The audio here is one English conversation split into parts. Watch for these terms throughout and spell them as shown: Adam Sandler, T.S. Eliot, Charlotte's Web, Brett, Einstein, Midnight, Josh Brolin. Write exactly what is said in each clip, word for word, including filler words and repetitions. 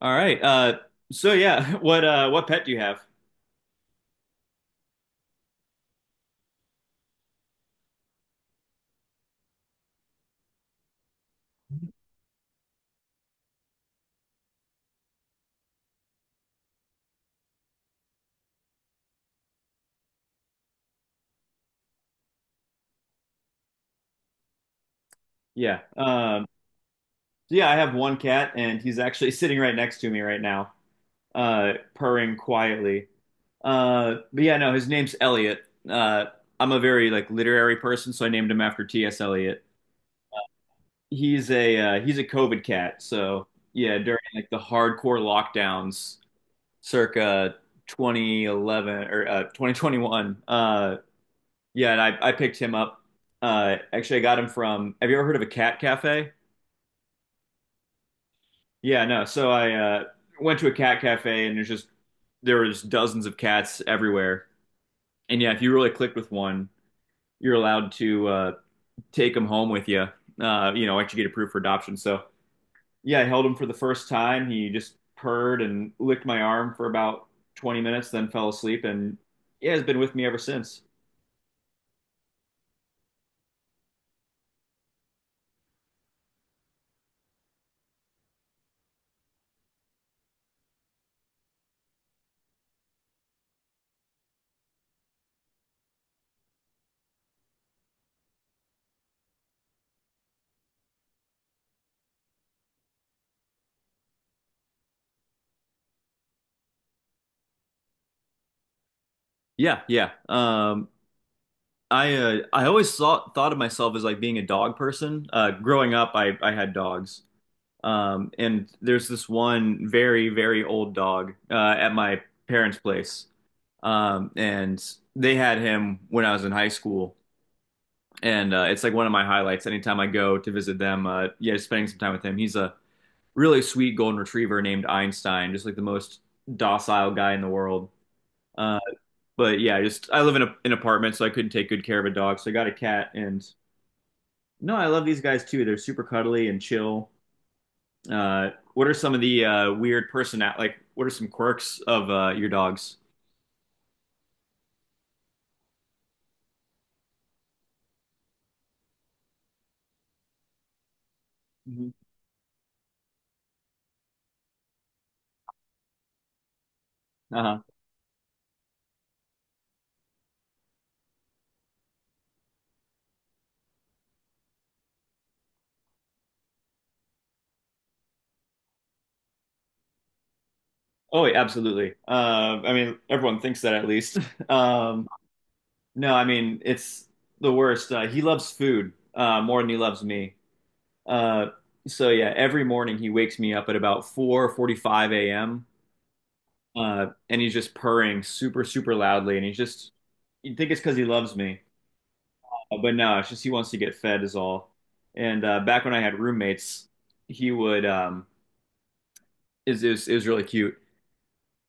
All right. Uh, so yeah, what uh, what pet do you have? Yeah. Um, so yeah, I have one cat, and he's actually sitting right next to me right now, uh, purring quietly. Uh, but yeah, no, his name's Elliot. Uh, I'm a very like literary person, so I named him after T S. Eliot. He's a uh, he's a COVID cat, so yeah, during like the hardcore lockdowns, circa twenty eleven, or uh, twenty twenty-one. Uh, Yeah, and I, I picked him up. Uh, actually, I got him from. Have you ever heard of a cat cafe? Yeah, no. So I uh, went to a cat cafe, and there's just there was dozens of cats everywhere. And yeah, if you really clicked with one, you're allowed to uh, take him home with you. Uh, you know, once you get approved for adoption. So yeah, I held him for the first time. He just purred and licked my arm for about twenty minutes, then fell asleep, and yeah, has been with me ever since. Yeah, yeah. Um, I uh, I always thought thought of myself as like being a dog person. Uh, growing up, I I had dogs, um, and there's this one very very old dog uh, at my parents' place, um, and they had him when I was in high school, and uh, it's like one of my highlights. Anytime I go to visit them, uh, yeah, just spending some time with him. He's a really sweet golden retriever named Einstein, just like the most docile guy in the world. Uh, but yeah, just I live in a, an apartment, so I couldn't take good care of a dog, so I got a cat and. No, I love these guys too. They're super cuddly and chill. Uh, what are some of the uh, weird personality? Like? What are some quirks of uh, your dogs? Mhm. Uh-huh. Oh, yeah, absolutely. Uh, I mean, everyone thinks that at least. Um, no, I mean, it's the worst. Uh, he loves food uh, more than he loves me. Uh, so yeah, every morning he wakes me up at about four forty-five a m. Uh, and he's just purring super, super loudly, and he's just you'd think it's because he loves me. Uh, But no, it's just he wants to get fed is all. And uh, back when I had roommates, he would um is is is really cute.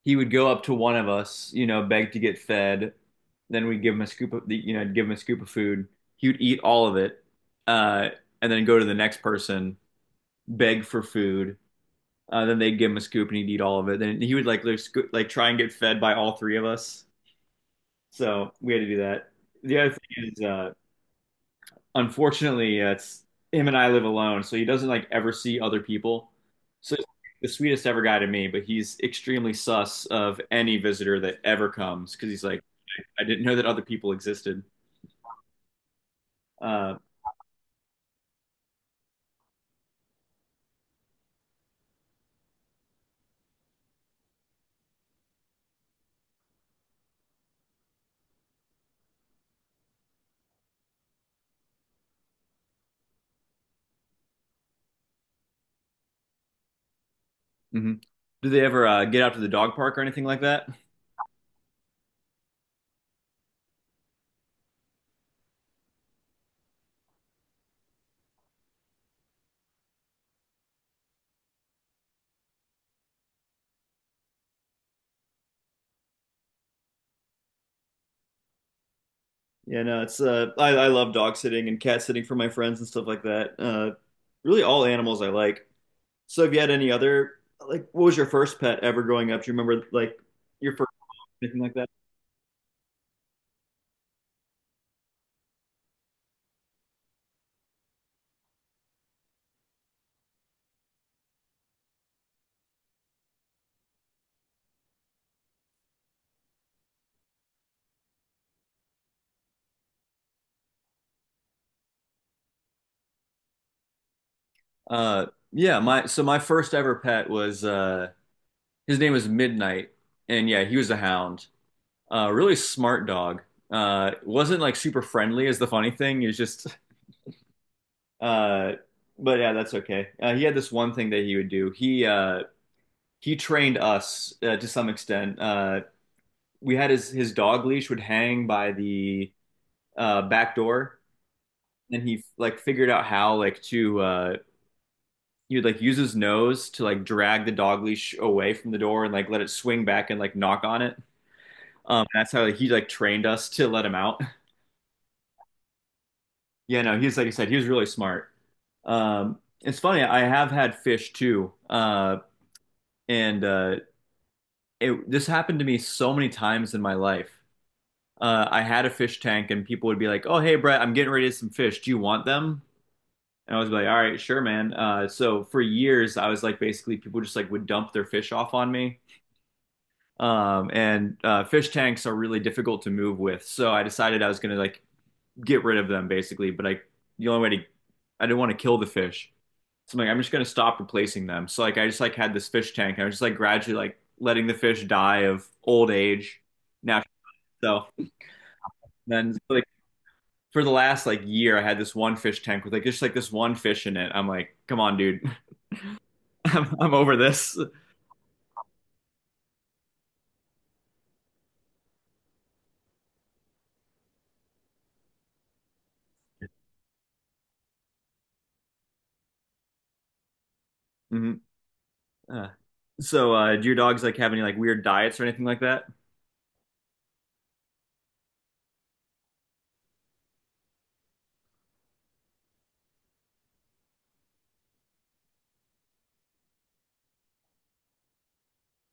He would go up to one of us, you know, beg to get fed. Then we'd give him a scoop of the, you know, give him a scoop of food. He would eat all of it, uh, and then go to the next person, beg for food. Uh, then they'd give him a scoop, and he'd eat all of it. Then he would like like, sco- like try and get fed by all three of us. So we had to do that. The other thing is, uh, unfortunately, uh, it's him and I live alone, so he doesn't like ever see other people. So he's the sweetest ever guy to me, but he's extremely sus of any visitor that ever comes because he's like, I didn't know that other people existed. Uh, mhm. Do they ever uh, get out to the dog park or anything like that? Yeah, no, it's uh, I, I love dog sitting and cat sitting for my friends and stuff like that. Uh, really, all animals I like. So, have you had any other like, what was your first pet ever growing up? Do you remember like your first anything like that? Uh, yeah, my so my first ever pet was uh his name was Midnight, and yeah, he was a hound. Uh, really smart dog. Uh, wasn't like super friendly is the funny thing. He was just uh, but yeah, that's okay. Uh, he had this one thing that he would do. He uh he trained us uh, to some extent. Uh, we had his his dog leash would hang by the uh back door, and he like figured out how like to uh he would like use his nose to like drag the dog leash away from the door and like let it swing back and like knock on it. Um, that's how he like trained us to let him out. Yeah, no, he's like I said, he was really smart. Um, it's funny, I have had fish too, uh, and uh, it, this happened to me so many times in my life. Uh, I had a fish tank, and people would be like, "Oh, hey, Brett, I'm getting ready to get some fish. Do you want them?" And I was like, "All right, sure, man." Uh, so for years, I was like, basically, people just like would dump their fish off on me. Um, and uh, fish tanks are really difficult to move with. So I decided I was gonna like get rid of them basically, but I the only way to I didn't want to kill the fish. So I'm like, I'm just gonna stop replacing them. So like I just like had this fish tank. I was just like gradually like letting the fish die of old age, natural stuff. Then like for the last like year, I had this one fish tank with like just like this one fish in it. I'm like, come on, dude, I'm I'm over this. Hmm. Uh, so uh, do your dogs like have any like weird diets or anything like that?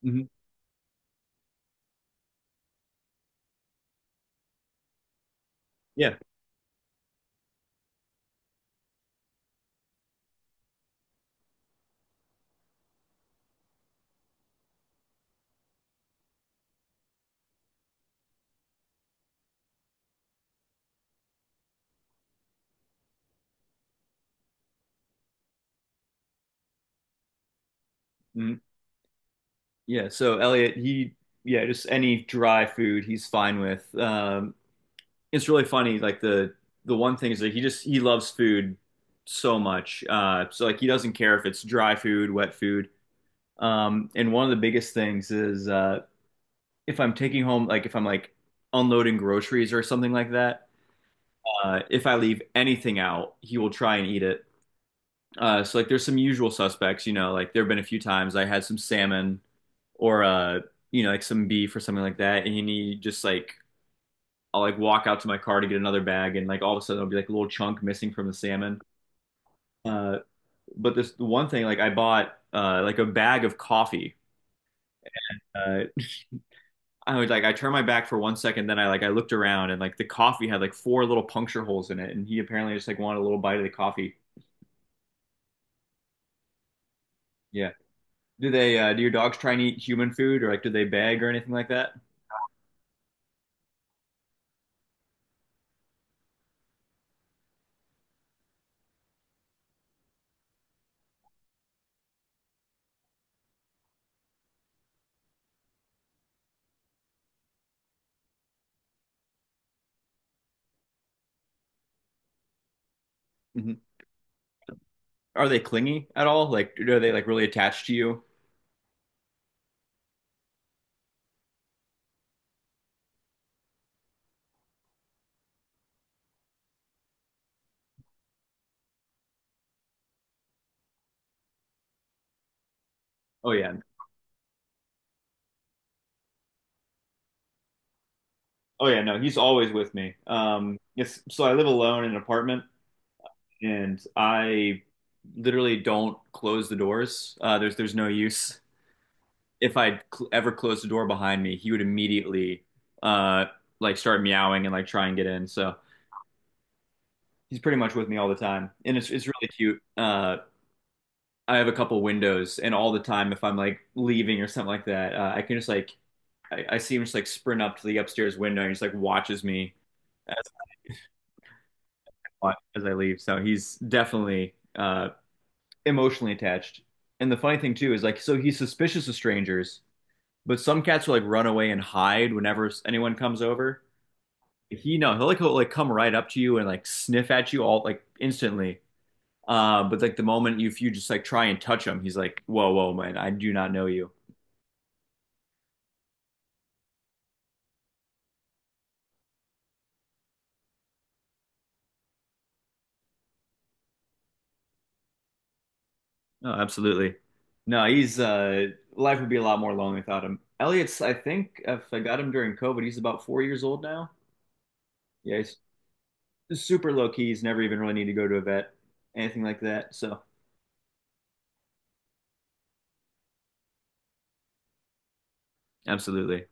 Hmm. Yeah. Mhm. Yeah, so Elliot, he yeah, just any dry food he's fine with. Um, it's really funny. Like the the one thing is that he just he loves food so much. Uh, so like he doesn't care if it's dry food, wet food. Um, and one of the biggest things is uh, if I'm taking home like if I'm like unloading groceries or something like that, uh, if I leave anything out, he will try and eat it. Uh, so like there's some usual suspects, you know, like there have been a few times I had some salmon or uh, you know, like some beef or something like that, and you need just like I'll like walk out to my car to get another bag, and like all of a sudden there'll be like a little chunk missing from the salmon. Uh, but this the one thing, like I bought uh like a bag of coffee. Uh, I was like I turned my back for one second, then I like I looked around and like the coffee had like four little puncture holes in it, and he apparently just like wanted a little bite of the coffee. Yeah. Do they uh, do your dogs try and eat human food or like do they beg or anything like that? Mhm. Are they clingy at all? Like, are they like really attached to you? Oh yeah. Oh yeah, no, he's always with me. Um, it's so I live alone in an apartment and I literally don't close the doors. Uh, there's there's no use. If I cl- ever closed the door behind me, he would immediately uh like start meowing and like try and get in. So he's pretty much with me all the time. And it's it's really cute. Uh, I have a couple windows and all the time if I'm like leaving or something like that, uh, I can just like I, I see him just like sprint up to the upstairs window and he just like watches me as I, as I leave. So he's definitely uh, emotionally attached. And the funny thing too is like, so he's suspicious of strangers, but some cats will like run away and hide whenever anyone comes over. He no, he'll like he'll, like come right up to you and like sniff at you all like instantly. Uh, but like the moment you if you just like try and touch him, he's like, whoa, whoa, man, I do not know you. No, absolutely. No, he's uh life would be a lot more lonely without him. Elliot's, I think, if I got him during COVID, he's about four years old now. Yeah, he's super low key. He's never even really need to go to a vet, anything like that. So, absolutely.